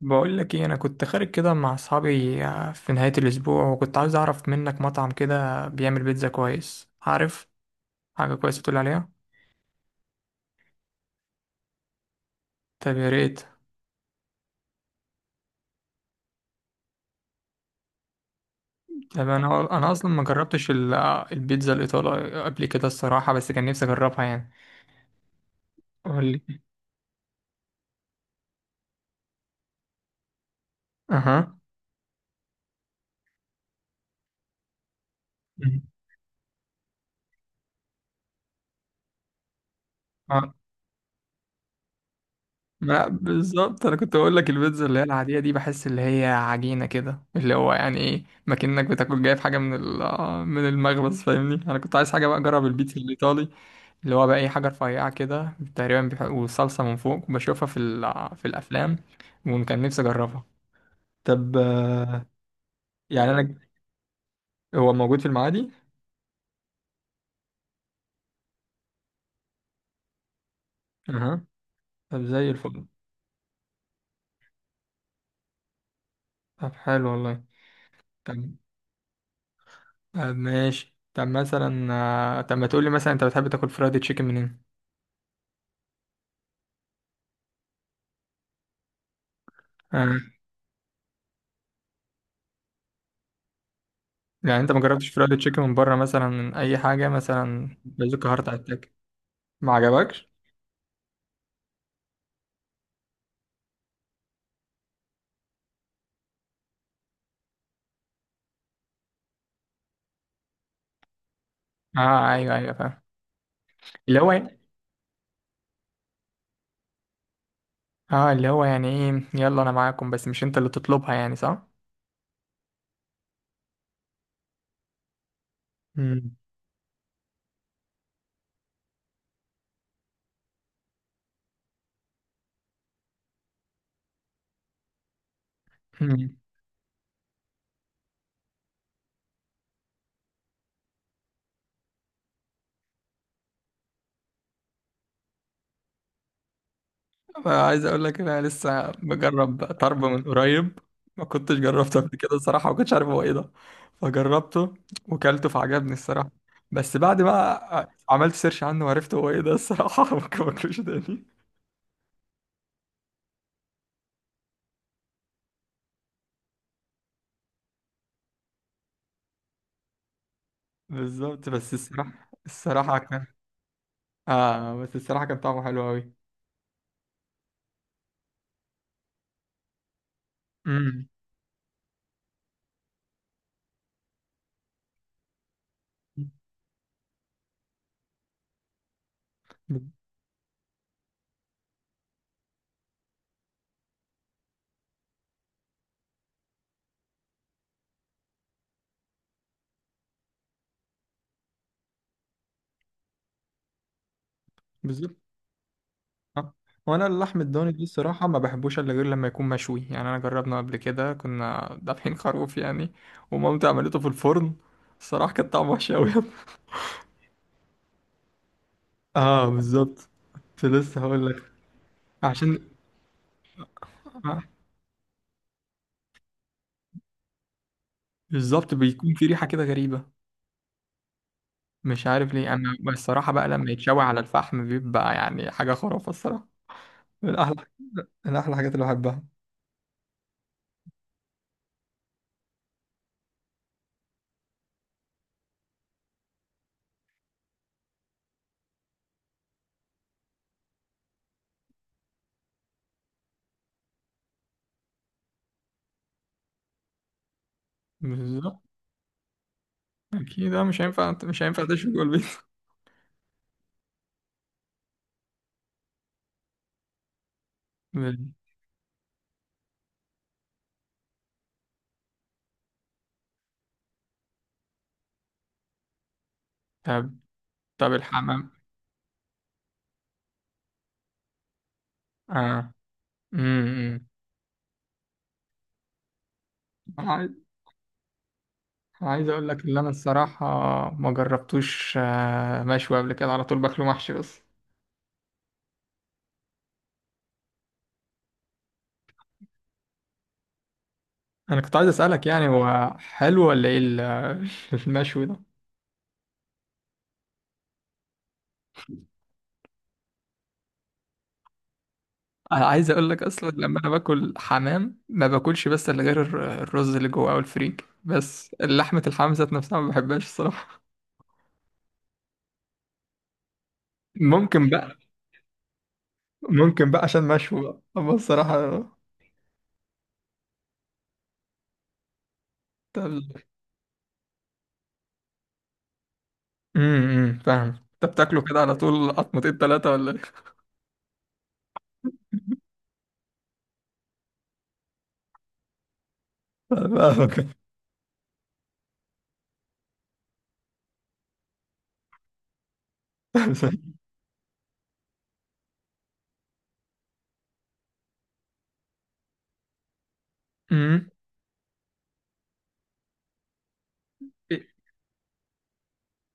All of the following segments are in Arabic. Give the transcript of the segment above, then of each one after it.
بقول لك ايه، انا كنت خارج كده مع اصحابي في نهاية الاسبوع، وكنت عاوز اعرف منك مطعم كده بيعمل بيتزا كويس. عارف حاجة كويسة تقول عليها؟ طب يا ريت. طب انا اصلا ما جربتش البيتزا الايطالية قبل كده الصراحة، بس كان نفسي اجربها يعني. قول لي. اها. آه. لا بالظبط، انا كنت بقول لك البيتزا اللي هي العادية دي بحس اللي هي عجينة كده، اللي هو يعني ايه، ما كأنك بتاكل جايب حاجة من من المخبز، فاهمني؟ انا كنت عايز حاجة بقى اجرب البيتزا الايطالي، اللي هو بقى اي حاجه رفيعه كده تقريبا والصلصه من فوق بشوفها في الافلام، وكان نفسي اجربها. طب يعني انا، هو موجود في المعادي؟ اها. طب زي الفل. طب حلو والله. طب. طب ماشي، طب مثلا طب ما تقولي مثلا، انت بتحب تاكل فرايد تشيكن منين؟ آه. يعني انت ما جربتش فرايد تشيكن من بره، مثلا من اي حاجه، مثلا بازوكا، هارت اتاك؟ ما عجبكش؟ اه، ايوه ايوه، فاهم. اللي هو يعني، اه اللي هو يعني ايه، يلا انا معاكم بس مش انت اللي تطلبها، يعني صح؟ مم. مم. عايز اقول لك إن انا لسه بجرب طرب من قريب، ما كنتش جربته قبل كده الصراحه، ما كنتش عارف هو ايه ده، فجربته وكلته فعجبني الصراحه. بس بعد بقى عملت سيرش عنه وعرفت هو ايه ده الصراحه ممكن ما باكلوش تاني. بالظبط، بس الصراحه كان. اه بس الصراحه كان طعمه حلو قوي. امم. بالظبط. آه. وانا اللحم الضاني دي الصراحه ما بحبوش الا غير لما يكون مشوي، يعني انا جربنا قبل كده، كنا دافعين خروف يعني، ومامتي عملته في الفرن الصراحه، كان طعمه وحش قوي اه بالظبط، كنت لسه هقول لك عشان آه، بالظبط بيكون في ريحه كده غريبه، مش عارف ليه انا. بس الصراحه بقى لما يتشوي على الفحم بيبقى يعني حاجه خرافه الصراحه، من احلى من احلى الحاجات اللي بحبها. بالظبط. اكيد مش هينفع تشوي جوه البيت. طب، طب الحمام. اه. امم. انا عايز، أنا عايز اقول لك اللي انا الصراحه ما جربتوش مشوي قبل كده، على طول باكله محشي بس. انا كنت عايز اسالك يعني هو حلو ولا ايه المشوي ده؟ انا عايز اقول لك اصلا لما انا باكل حمام ما باكلش بس الا غير الرز اللي جوه او الفريك، بس لحمه الحمام ذات نفسها ما بحبهاش الصراحه. ممكن بقى ممكن بقى عشان مشوي بقى، اما الصراحه. طب. امم، فاهم. انت بتاكله كده على طول قطمتين ثلاثه ولا ايه؟ فاهمك. امم.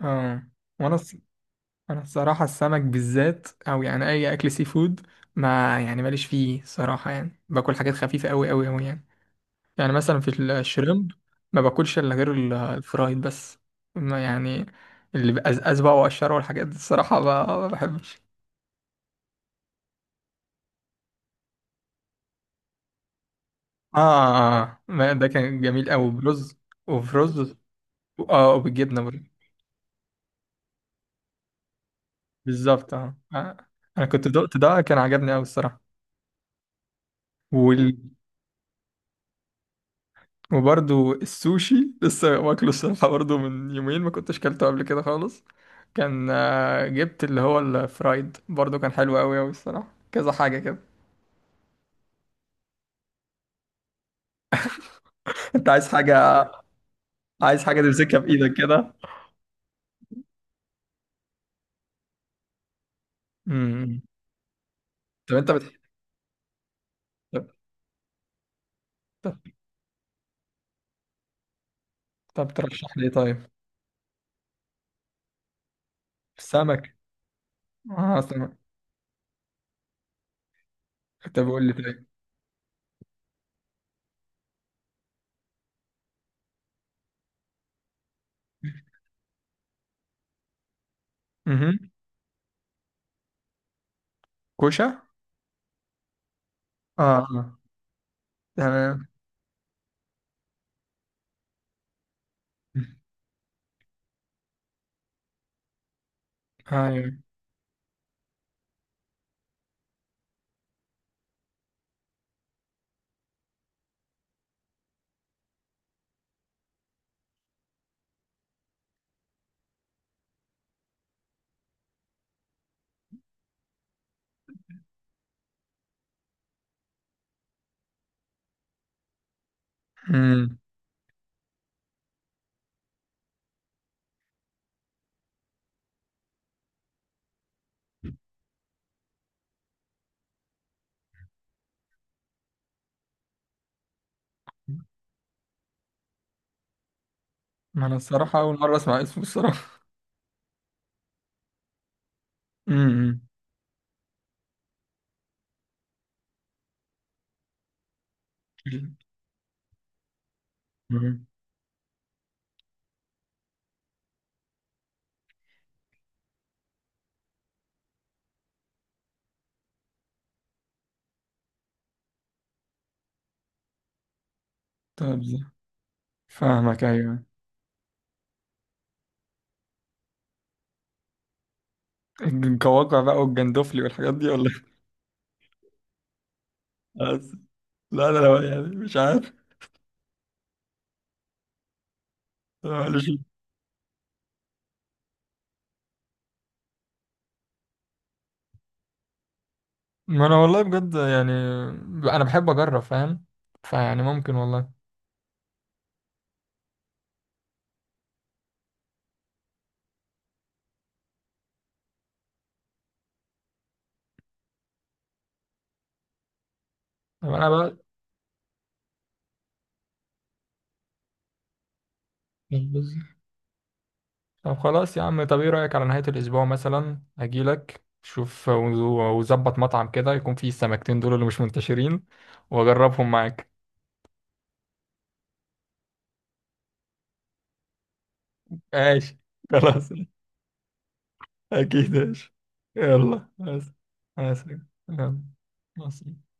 اه وانا الص- انا الصراحه السمك بالذات او يعني اي اكل سي فود، ما يعني ماليش فيه صراحه، يعني باكل حاجات خفيفه قوي قوي قوي يعني. يعني مثلا في الشريمب، ما باكلش الا غير الفرايد بس، ما يعني اللي بقزقز بقى وقشره والحاجات دي الصراحه ما بحبش. اه، آه، آه. ما ده كان جميل قوي برز، وفي رز، اه وبالجبنه برضه. بالظبط، اه، آه. انا كنت دقت ده، كان عجبني قوي الصراحه. وبرضو السوشي لسه واكله الصراحة برضو من يومين، ما كنتش كلته قبل كده خالص. كان جبت اللي هو الفرايد برضو، كان حلو أوي أوي الصراحة، كذا حاجة كده. انت عايز حاجة، عايز حاجة تمسكها بإيدك كده. مم. طب انت بتحب. طب, طب, طب ترشح لي ايه طيب؟ سمك. اه سمك. طب قول لي طيب. مهم. كوشة. اه، آه. تمام. ايوه. مم. ما انا الصراحة أول مرة أسمع اسمه الصراحة. مم. مم. طب. فاهمك، ايوه. القواقع بقى والجندفلي والحاجات دي ولا؟ إيه؟ بس لا لا لا، يعني مش عارف، ماليش. ما انا والله بجد، يعني انا بحب اجرب، فاهم؟ فيعني ممكن والله. طب انا بقى بز- طب خلاص يا عم، طب ايه رايك على نهايه الاسبوع مثلا اجيلك، شوف وظبط مطعم كده يكون فيه السمكتين دول اللي مش منتشرين، واجربهم معاك. ماشي. خلاص اكيد ماشي. يلا بس. بس. يلا. مع السلامة.